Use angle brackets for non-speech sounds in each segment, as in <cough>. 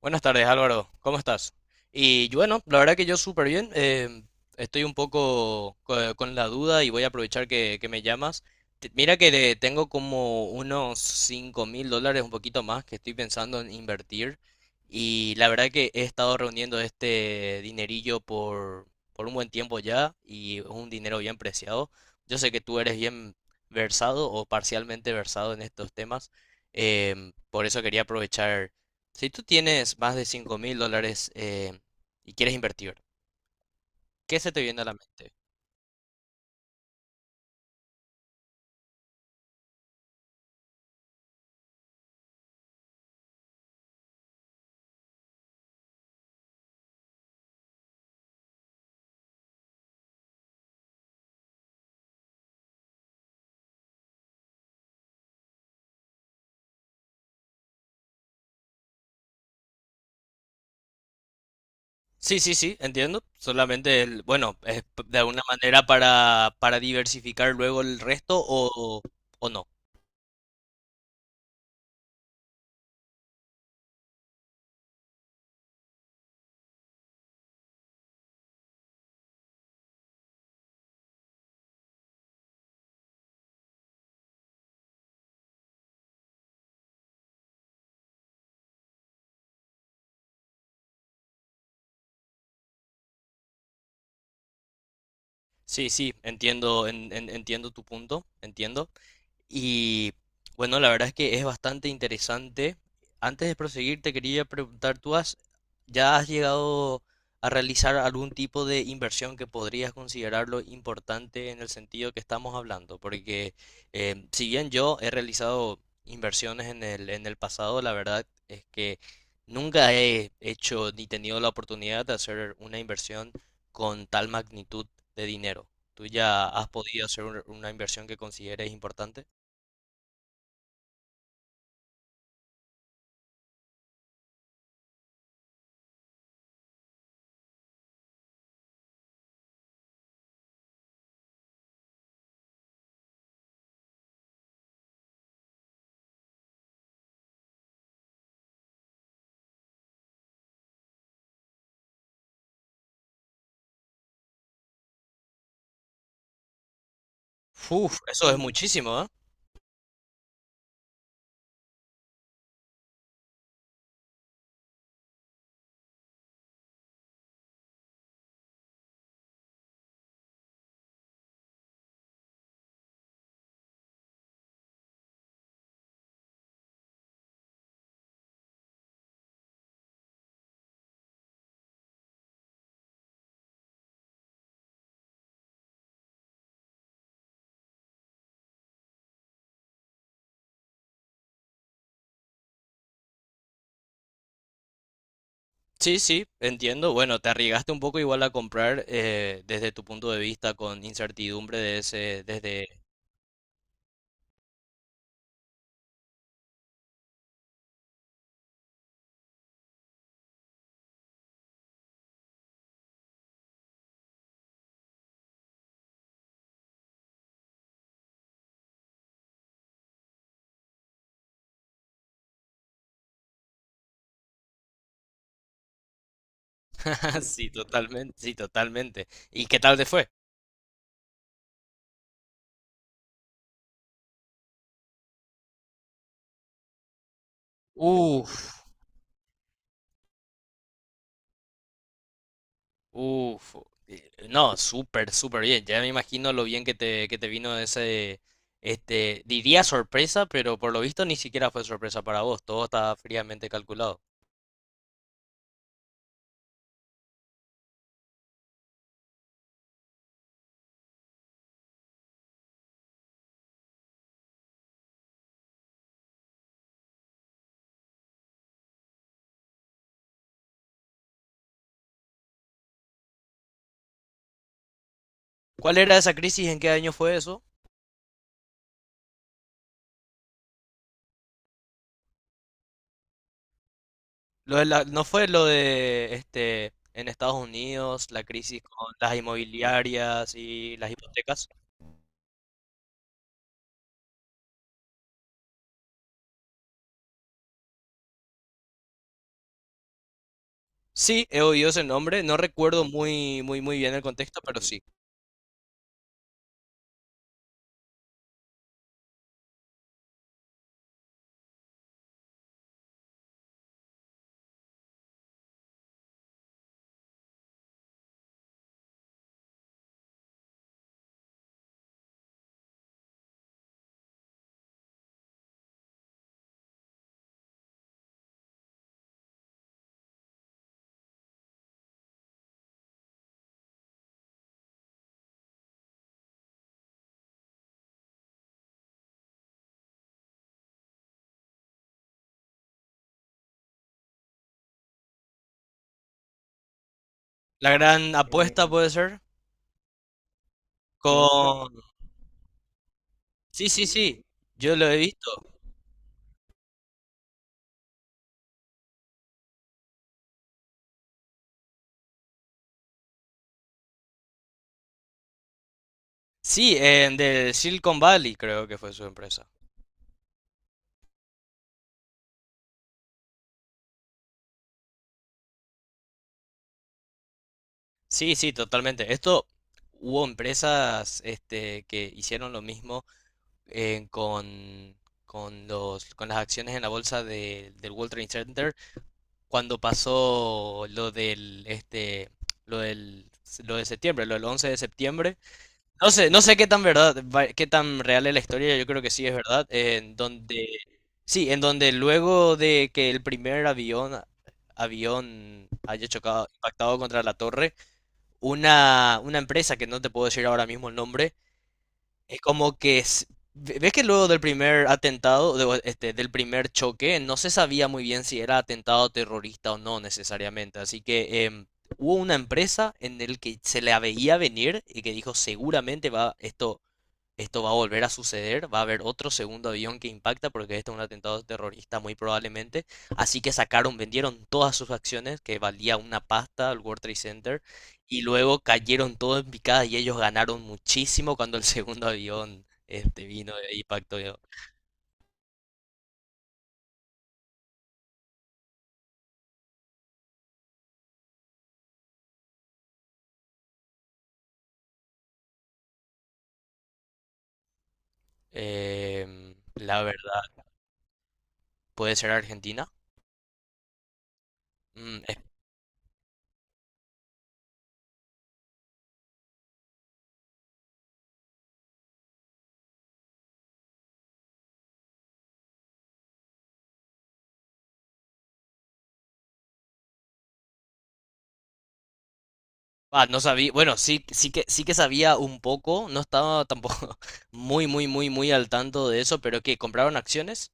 Buenas tardes, Álvaro. ¿Cómo estás? Y yo, bueno, la verdad que yo súper bien. Estoy un poco con la duda y voy a aprovechar que me llamas. Mira que le tengo como unos $5.000, un poquito más, que estoy pensando en invertir. Y la verdad que he estado reuniendo este dinerillo por un buen tiempo ya y es un dinero bien preciado. Yo sé que tú eres bien versado o parcialmente versado en estos temas. Por eso quería aprovechar. Si tú tienes más de $5.000 y quieres invertir, ¿qué se te viene a la mente? Sí, sí, sí, entiendo. Solamente, el, bueno, de alguna manera para diversificar luego el resto o no. Sí, sí, entiendo, entiendo tu punto, entiendo. Y bueno, la verdad es que es bastante interesante. Antes de proseguir, te quería preguntar, ¿tú has, ya has llegado a realizar algún tipo de inversión que podrías considerarlo importante en el sentido que estamos hablando? Porque si bien yo he realizado inversiones en el pasado, la verdad es que nunca he hecho ni tenido la oportunidad de hacer una inversión con tal magnitud de dinero. ¿Tú ya has podido hacer una inversión que consideres importante? Uf, eso es muchísimo, ¿eh? Sí, sí, entiendo. Bueno, te arriesgaste un poco igual a comprar desde tu punto de vista con incertidumbre de ese, desde... <laughs> Sí, totalmente, sí, totalmente. ¿Y qué tal te fue? Uf, uf. No, súper, súper bien. Ya me imagino lo bien que que te vino ese, este, diría sorpresa, pero por lo visto ni siquiera fue sorpresa para vos. Todo estaba fríamente calculado. ¿Cuál era esa crisis? ¿En qué año fue eso? ¿No fue lo de este en Estados Unidos, la crisis con las inmobiliarias y las hipotecas? Sí, he oído ese nombre, no recuerdo muy muy muy bien el contexto, pero sí. La gran apuesta puede ser con. Sí, sí, sí. Yo lo he visto. Sí, en del Silicon Valley creo que fue su empresa. Sí, sí, totalmente. Esto hubo empresas este que hicieron lo mismo eh, con, con las acciones en la bolsa del World Trade Center cuando pasó lo del, lo de septiembre, lo del 11 de septiembre. No sé, no sé qué tan verdad, qué tan real es la historia, yo creo que sí es verdad, en donde, sí, en donde luego de que el primer avión haya chocado, impactado contra la torre, una empresa que no te puedo decir ahora mismo el nombre, es como que s- ve- ves que luego del primer atentado, del primer choque, no se sabía muy bien si era atentado terrorista o no necesariamente. Así que hubo una empresa en el que se la veía venir y que dijo seguramente va esto esto va a volver a suceder, va a haber otro segundo avión que impacta porque este es un atentado terrorista muy probablemente. Así que sacaron, vendieron todas sus acciones que valía una pasta al World Trade Center y luego cayeron todo en picada y ellos ganaron muchísimo cuando el <laughs> segundo avión este vino e impactó. Em, la verdad, puede ser Argentina. Mm, es- ah, no sabía, bueno, sí, sí que sabía un poco, no estaba tampoco <laughs> muy muy muy muy al tanto de eso, pero que compraron acciones.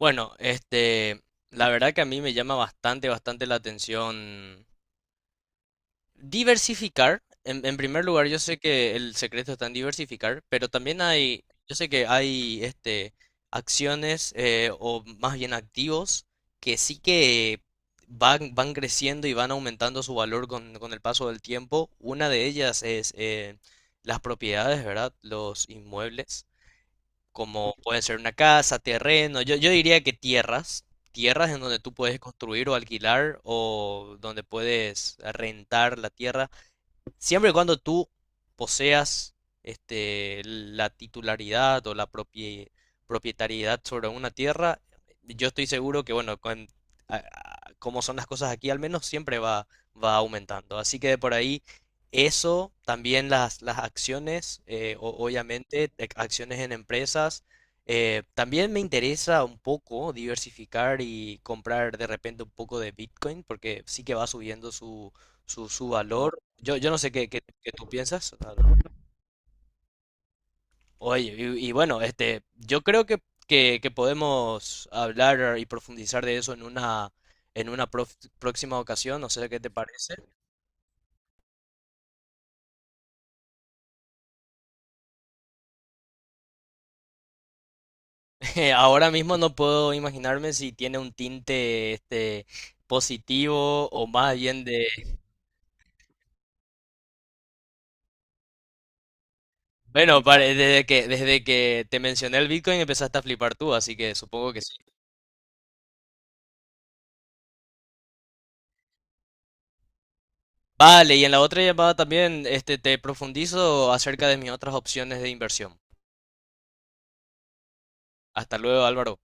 Bueno, este, la verdad que a mí me llama bastante, bastante la atención diversificar. En primer lugar, yo sé que el secreto está en diversificar, pero también hay, yo sé que hay, este, acciones o más bien activos que sí que van creciendo y van aumentando su valor con el paso del tiempo. Una de ellas es las propiedades, ¿verdad? Los inmuebles como pueden ser una casa, terreno, yo diría que tierras en donde tú puedes construir o alquilar o donde puedes rentar la tierra. Siempre y cuando tú poseas este, la titularidad o propietariedad sobre una tierra, yo estoy seguro que, bueno, con, como son las cosas aquí, al menos siempre va aumentando. Así que de por ahí, eso, también las acciones, obviamente, acciones en empresas. También me interesa un poco diversificar y comprar de repente un poco de Bitcoin, porque sí que va subiendo su valor. Yo no sé qué tú piensas. Oye, y bueno, este, yo creo que podemos hablar y profundizar de eso en una, próxima ocasión, no sé qué te parece. <laughs> Ahora mismo no puedo imaginarme si tiene un tinte este, positivo o más bien de... Bueno, desde que te mencioné el Bitcoin empezaste a flipar tú, así que supongo que sí. Vale, y en la otra llamada también este, te profundizo acerca de mis otras opciones de inversión. Hasta luego, Álvaro.